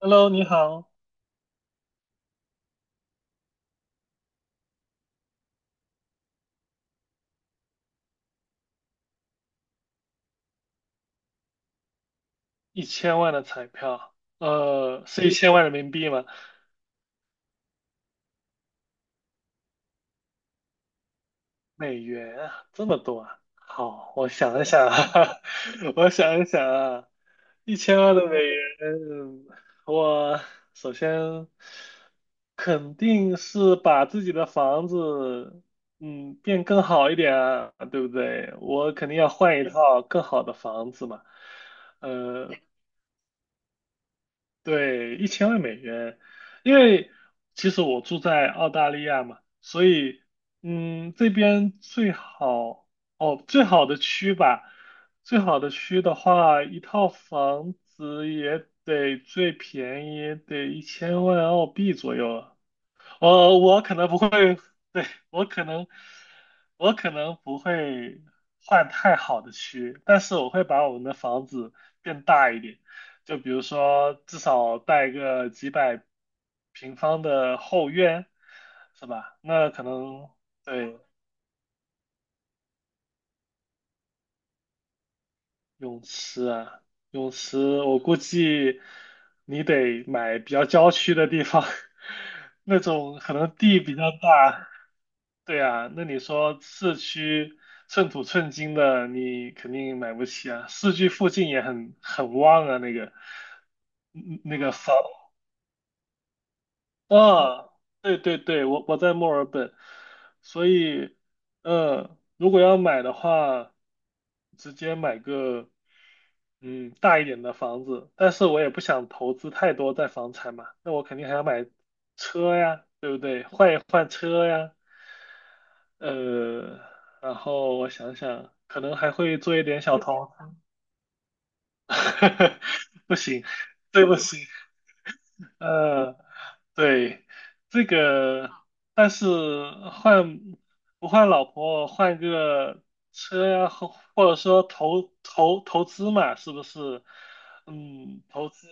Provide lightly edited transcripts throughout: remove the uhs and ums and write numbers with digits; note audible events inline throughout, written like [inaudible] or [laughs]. Hello，你好。1000万的彩票，是一千万人民币吗？美元啊，这么多啊！好，我想一想啊。[laughs] 我想一想啊，1000万的美元，我首先肯定是把自己的房子，变更好一点啊，对不对？我肯定要换一套更好的房子嘛。呃，对，一千万美元，因为其实我住在澳大利亚嘛，所以这边最好的区吧，最好的区的话，一套房子也得最便宜也得一千万澳币左右了。我可能不会，对，我可能不会换太好的区，但是我会把我们的房子变大一点，就比如说至少带个几百平方的后院，是吧？那可能，对，泳池啊。泳池，我估计你得买比较郊区的地方，[laughs] 那种可能地比较大。对啊，那你说市区寸土寸金的，你肯定买不起啊。市区附近也很旺啊，那个嗯那个房啊，对对对，我在墨尔本，所以，嗯，如果要买的话，直接买个，大一点的房子。但是我也不想投资太多在房产嘛，那我肯定还要买车呀，对不对？换一换车呀。呃，然后我想想，可能还会做一点小投。[laughs] 不行，对不起。呃。对，这个，但是换不换老婆，换个车呀，或者说投资嘛，是不是？投资，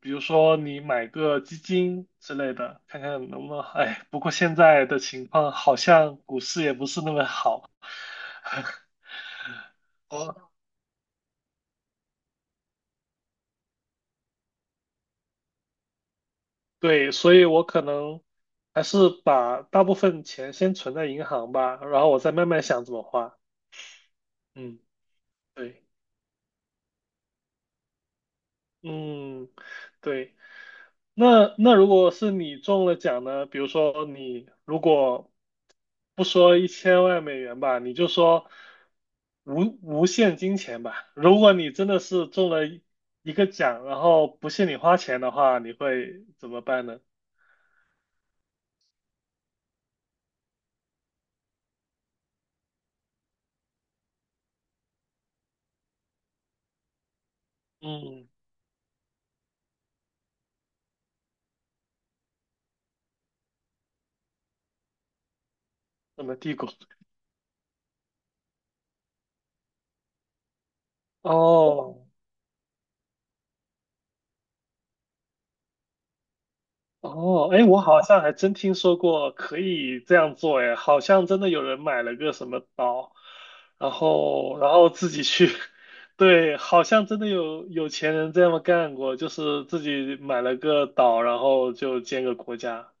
比如说你买个基金之类的，看看能不能。哎，不过现在的情况好像股市也不是那么好。[laughs] 哦，对，所以我可能还是把大部分钱先存在银行吧，然后我再慢慢想怎么花。嗯。对。嗯，对。那如果是你中了奖呢？比如说你如果不说一千万美元吧，你就说无限金钱吧。如果你真的是中了一个奖，然后不限你花钱的话，你会怎么办呢？嗯，怎么帝国？哦。哦，哎，我好像还真听说过可以这样做。哎，好像真的有人买了个什么岛，然后自己去，[laughs] 对，好像真的有有钱人这么干过，就是自己买了个岛，然后就建个国家。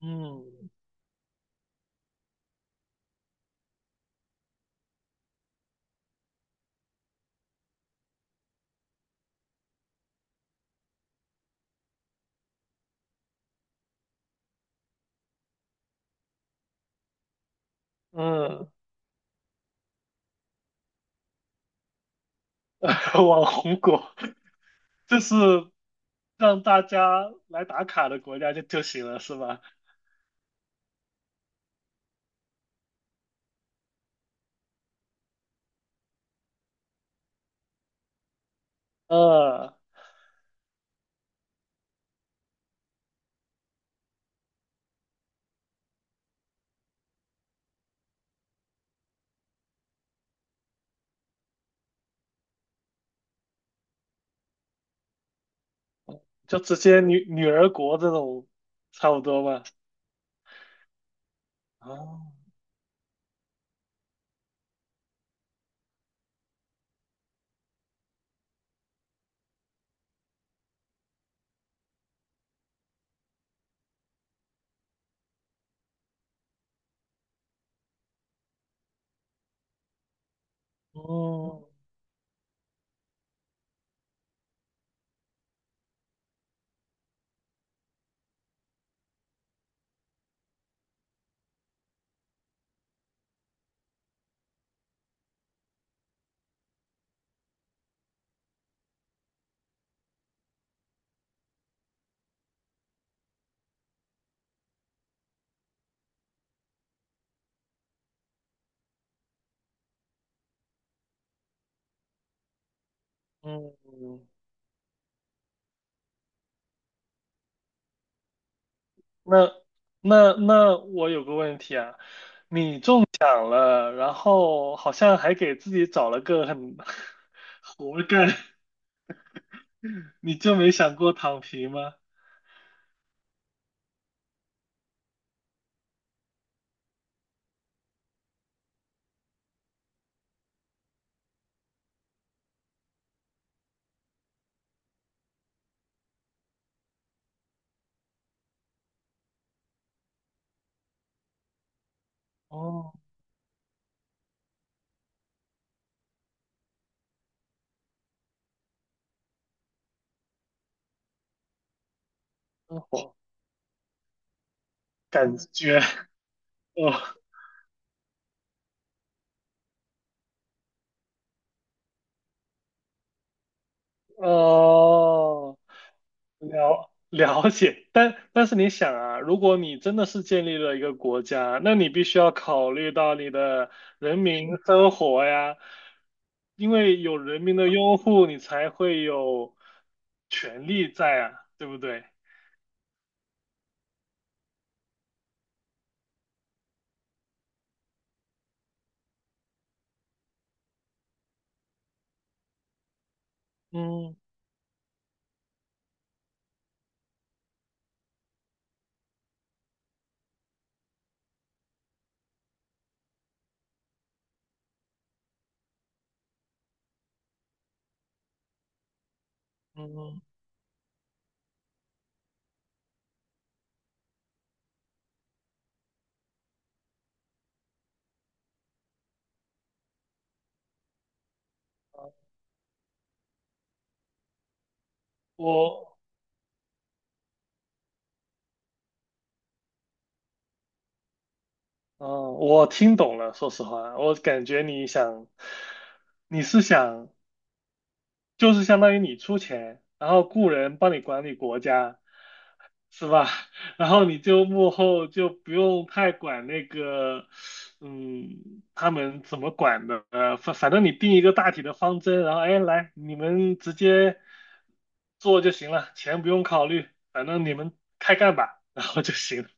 嗯嗯。[laughs] 网红国，就是让大家来打卡的国家就行了，是吧？呃，就直接女儿国这种，差不多吧。哦。哦。嗯，那那我有个问题啊，想了，然后好像还给自己找了个很 [laughs] 活干。[laughs] 你就没想过躺平吗？哦，那我感觉。[laughs] 哦哦。[laughs] 了解，但是你想啊，如果你真的是建立了一个国家，那你必须要考虑到你的人民生活呀，因为有人民的拥护，你才会有权利在啊，对不对？嗯嗯。我嗯，我听懂了。说实话，我感觉你想，你是想，就是相当于你出钱，然后雇人帮你管理国家，是吧？[laughs] 然后你就幕后就不用太管那个，他们怎么管的。反正你定一个大体的方针，然后哎，来，你们直接做就行了，钱不用考虑，反正你们开干吧，然后就行了。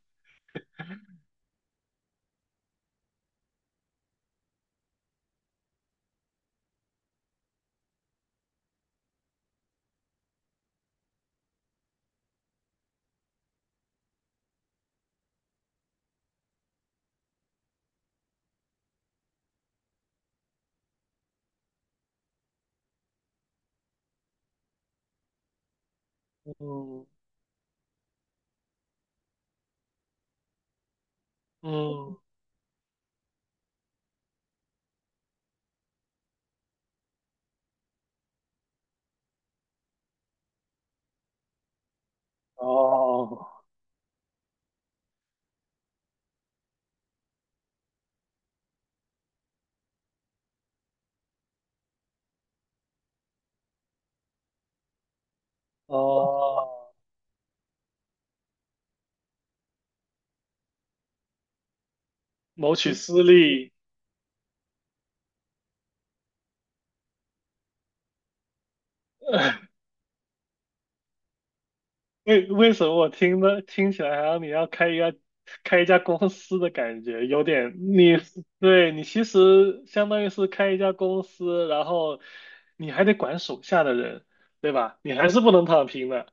嗯嗯。哦哦。谋取私利。[laughs] 为什么我听起来好像你要开一家公司的感觉，有点你对，你其实相当于是开一家公司，然后你还得管手下的人，对吧？你还是不能躺平的。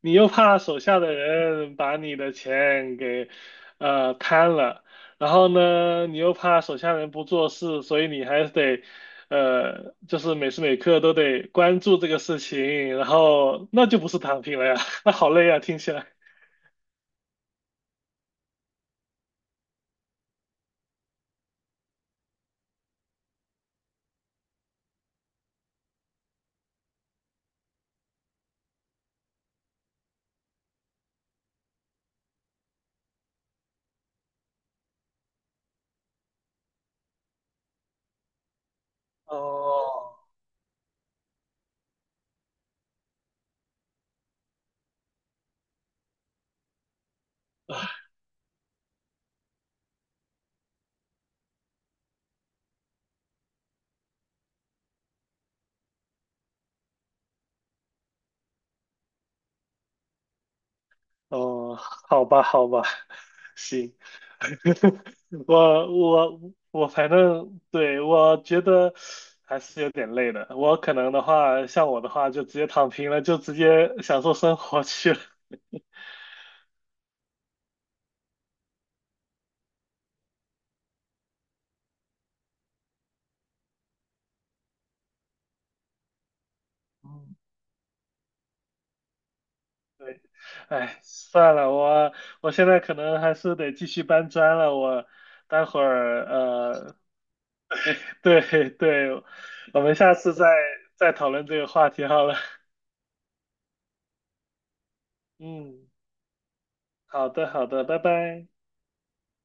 你又怕手下的人把你的钱给贪了，然后呢，你又怕手下人不做事，所以你还得就是每时每刻都得关注这个事情，然后那就不是躺平了呀。[laughs] 那好累啊，听起来。哦。[laughs] 哦，好吧，好吧。[laughs] 行。[laughs] 我我我反正对我觉得还是有点累的。我可能的话，像我的话，就直接躺平了，就直接享受生活去了。嗯 [laughs] 对，哎，算了，我现在可能还是得继续搬砖了。我待会儿[laughs] 对对，我们下次再讨论这个话题好了。嗯，好的好的，拜拜。